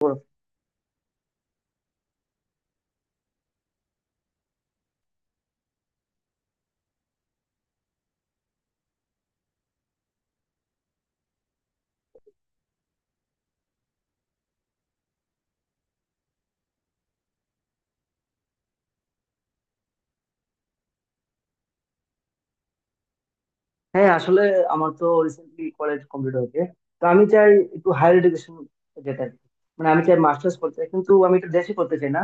বলো। হ্যাঁ, আসলে আমার তো রিসেন্টলি কলেজ কমপ্লিট হয়েছে। তো আমি চাই একটু হায়ার এডুকেশন যেতে আর কি। মানে আমি চাই মাস্টার্স করতে চাই, কিন্তু আমি এটা দেশে করতে চাই না।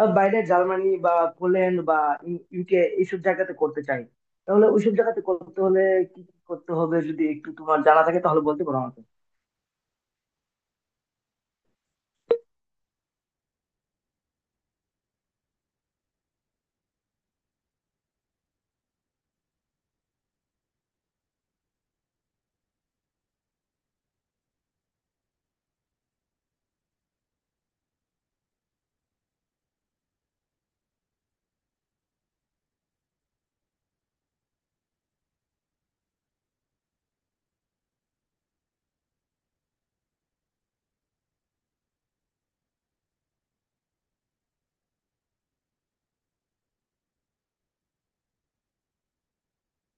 বাইরে জার্মানি বা পোল্যান্ড বা ইউকে এইসব জায়গাতে করতে চাই। তাহলে ওইসব জায়গাতে করতে হলে কি কি করতে হবে, যদি একটু তোমার জানা থাকে তাহলে বলতে পারো আমাকে।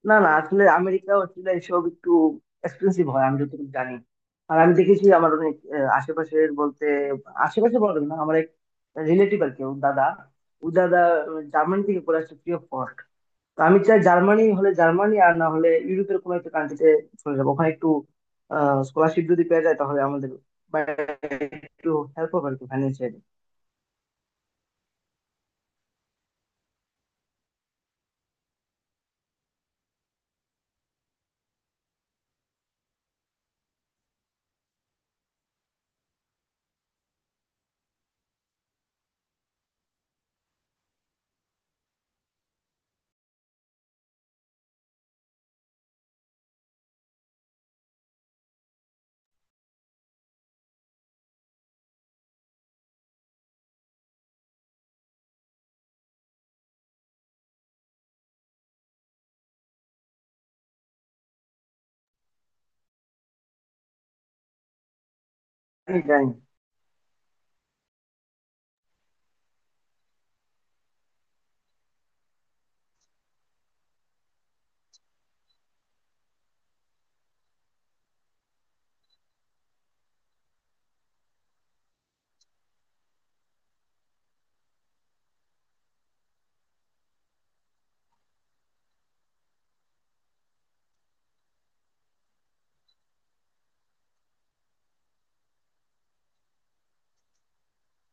না না, আসলে আমেরিকা অস্ট্রেলিয়া এসব একটু এক্সপেন্সিভ হয় আমি যতটুকু জানি। আর আমি দেখেছি আমার অনেক আশেপাশের বলতে, আশেপাশে বলা যাবে না, আমার এক রিলেটিভ আর কি, ওর দাদা, দাদা জার্মানি থেকে পড়ে আসছে ফ্রি অফ কস্ট। তো আমি চাই জার্মানি হলে জার্মানি, আর না হলে ইউরোপের কোনো একটা কান্ট্রিতে চলে যাবো। ওখানে একটু স্কলারশিপ যদি পেয়ে যায় তাহলে আমাদের বা একটু হেল্প হবে আর কি, ফাইন্যান্সিয়ালি। জানি জানি।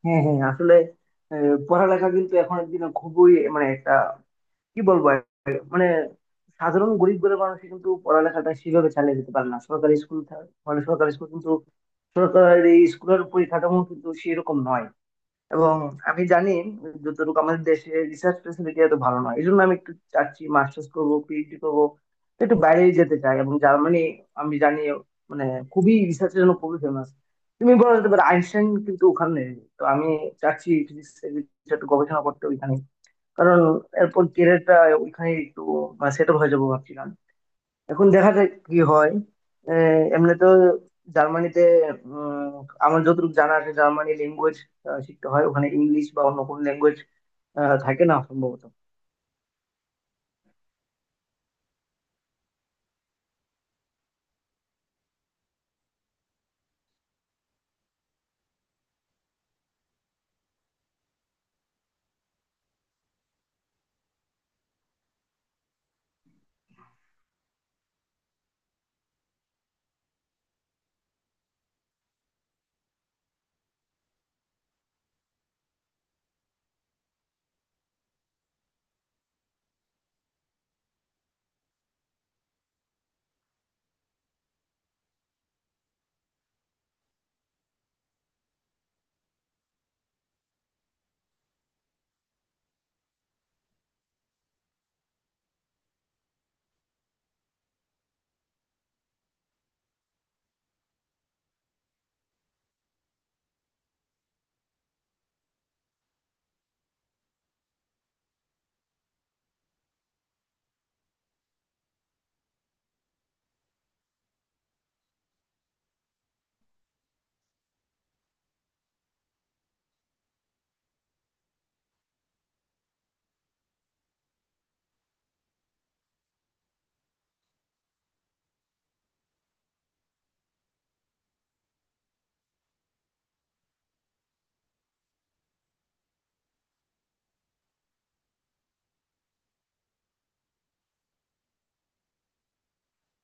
হ্যাঁ হ্যাঁ, আসলে পড়ালেখা কিন্তু এখন একদিন খুবই, মানে একটা কি বলবো আর, মানে সাধারণ গরিব ঘরের মানুষ কিন্তু পড়ালেখাটা সেভাবে চালিয়ে যেতে পারে না। সরকারি মানে সরকারি স্কুল কিন্তু, সরকারি স্কুলের পরিকাঠামো কিন্তু সেরকম নয়। এবং আমি জানি যতটুকু আমাদের দেশে রিসার্চ ফেসিলিটি এত ভালো নয়, এই জন্য আমি একটু চাচ্ছি মাস্টার্স করবো, পিএইচডি করবো। একটু বাইরে যেতে চাই, এবং জার্মানি আমি জানি মানে খুবই রিসার্চের জন্য খুবই ফেমাস। তুমি বলা যেতে পারো আইনস্টাইন কিন্তু ওখানে। তো আমি চাচ্ছি physics এর কিছু একটা গবেষণা করতে ওইখানে, কারণ এরপর ক্যারিয়ারটা ওইখানে একটু সেট হয়ে যাবো ভাবছিলাম। এখন দেখা যাক কি হয়। এমনি তো জার্মানিতে উম, আমার যতটুকু জানা আছে জার্মানি ল্যাঙ্গুয়েজ শিখতে হয় ওখানে, ইংলিশ বা অন্য কোনো ল্যাঙ্গুয়েজ থাকে না সম্ভবত।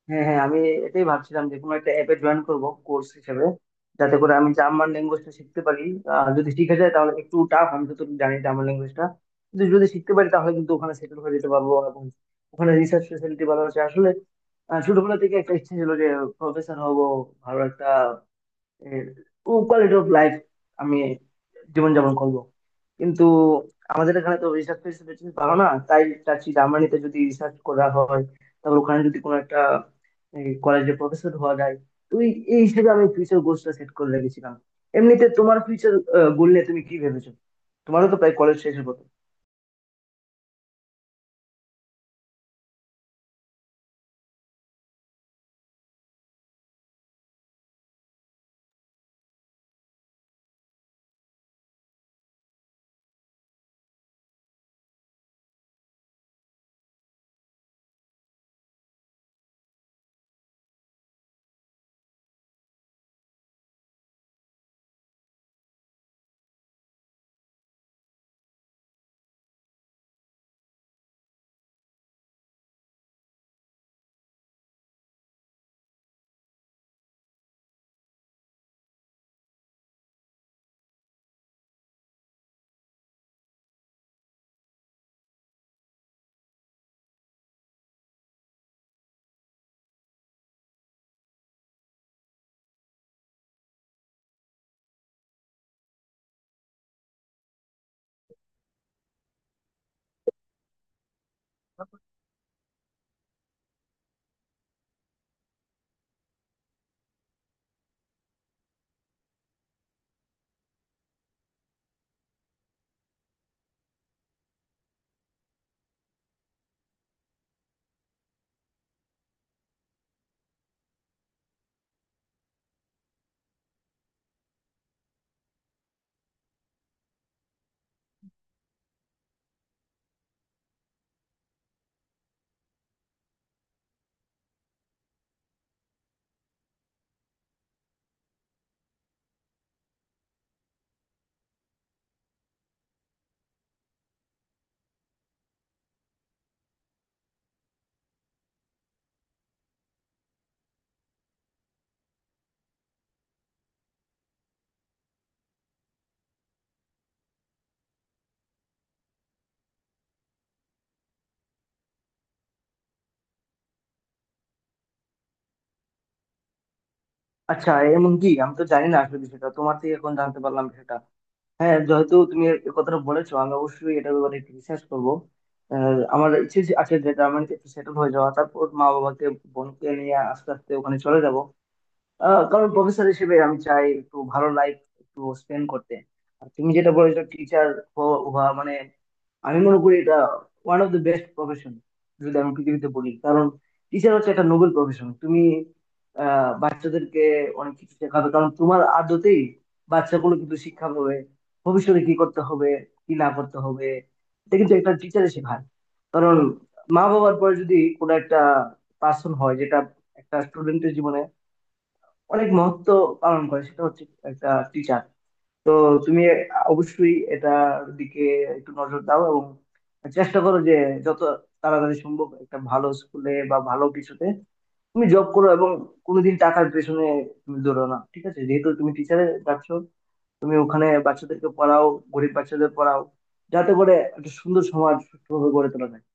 হ্যাঁ হ্যাঁ, আমি এটাই ভাবছিলাম যে কোনো একটা অ্যাপে জয়েন করব কোর্স হিসেবে, যাতে করে আমি জার্মান ল্যাঙ্গুয়েজটা শিখতে পারি। আর যদি শিখে যায় তাহলে, একটু টাফ আমি তো জানি জার্মান ল্যাঙ্গুয়েজটা, কিন্তু যদি শিখতে পারি তাহলে কিন্তু ওখানে সেটেল হয়ে যেতে পারবো। এবং ওখানে রিসার্চ ফেসিলিটি ভালো আছে আসলে। ছোটবেলা থেকে একটা ইচ্ছে ছিল যে প্রফেসর হব, ভালো একটা কোয়ালিটি অফ লাইফ আমি জীবনযাপন করব। কিন্তু আমাদের এখানে তো রিসার্চ ফেসিলিটি ভালো না, তাই চাচ্ছি জার্মানিতে যদি রিসার্চ করা হয়, তারপর ওখানে যদি কোনো একটা কলেজে প্রফেসর হওয়া যায়, তুই এই হিসেবে আমি ফিউচার গোলসটা সেট করে রেখেছিলাম। এমনিতে তোমার ফিউচার গোল নিয়ে তুমি কি ভেবেছো? তোমারও তো প্রায় কলেজ শেষের কথা। আচ্ছা, এমন কি আমি তো জানি না আসলে বিষয়টা, তোমার থেকে এখন জানতে পারলাম সেটা। হ্যাঁ, যেহেতু তুমি এই কথাটা বলেছো আমি অবশ্যই এটার ব্যাপারে একটু রিসার্চ করবো। আমার আছে যে জার্মানিতে একটু সেটেল হয়ে যাওয়া, তারপর মা বাবাকে, বোনকে নিয়ে আস্তে আস্তে ওখানে চলে যাব। কারণ প্রফেসর হিসেবে আমি চাই একটু ভালো লাইফ একটু স্পেন্ড করতে। আর তুমি যেটা বলেছো টিচার হওয়া, মানে আমি মনে করি এটা one of the best profession যদি আমি পৃথিবীতে বলি। কারণ টিচার হচ্ছে একটা নোবেল প্রফেশন। তুমি বাচ্চাদেরকে অনেক কিছু শেখাবে, কারণ তোমার আদতেই বাচ্চাগুলো কিন্তু শিক্ষা পাবে ভবিষ্যতে কি করতে হবে, কি না করতে হবে। এটা কিন্তু একটা টিচারে শেখায়। কারণ মা বাবার পরে যদি কোনো একটা পার্সন হয় যেটা একটা স্টুডেন্টের জীবনে অনেক মহত্ব পালন করে, সেটা হচ্ছে একটা টিচার। তো তুমি অবশ্যই এটার দিকে একটু নজর দাও, এবং চেষ্টা করো যে যত তাড়াতাড়ি সম্ভব একটা ভালো স্কুলে বা ভালো কিছুতে তুমি জব করো। এবং কোনোদিন টাকার পেছনে তুমি দৌড়ো না, ঠিক আছে? যেহেতু তুমি টিচারে যাচ্ছ, তুমি ওখানে বাচ্চাদেরকে পড়াও, গরিব বাচ্চাদের পড়াও, যাতে করে একটা সুন্দর সমাজ সুস্থভাবে গড়ে তোলা যায়।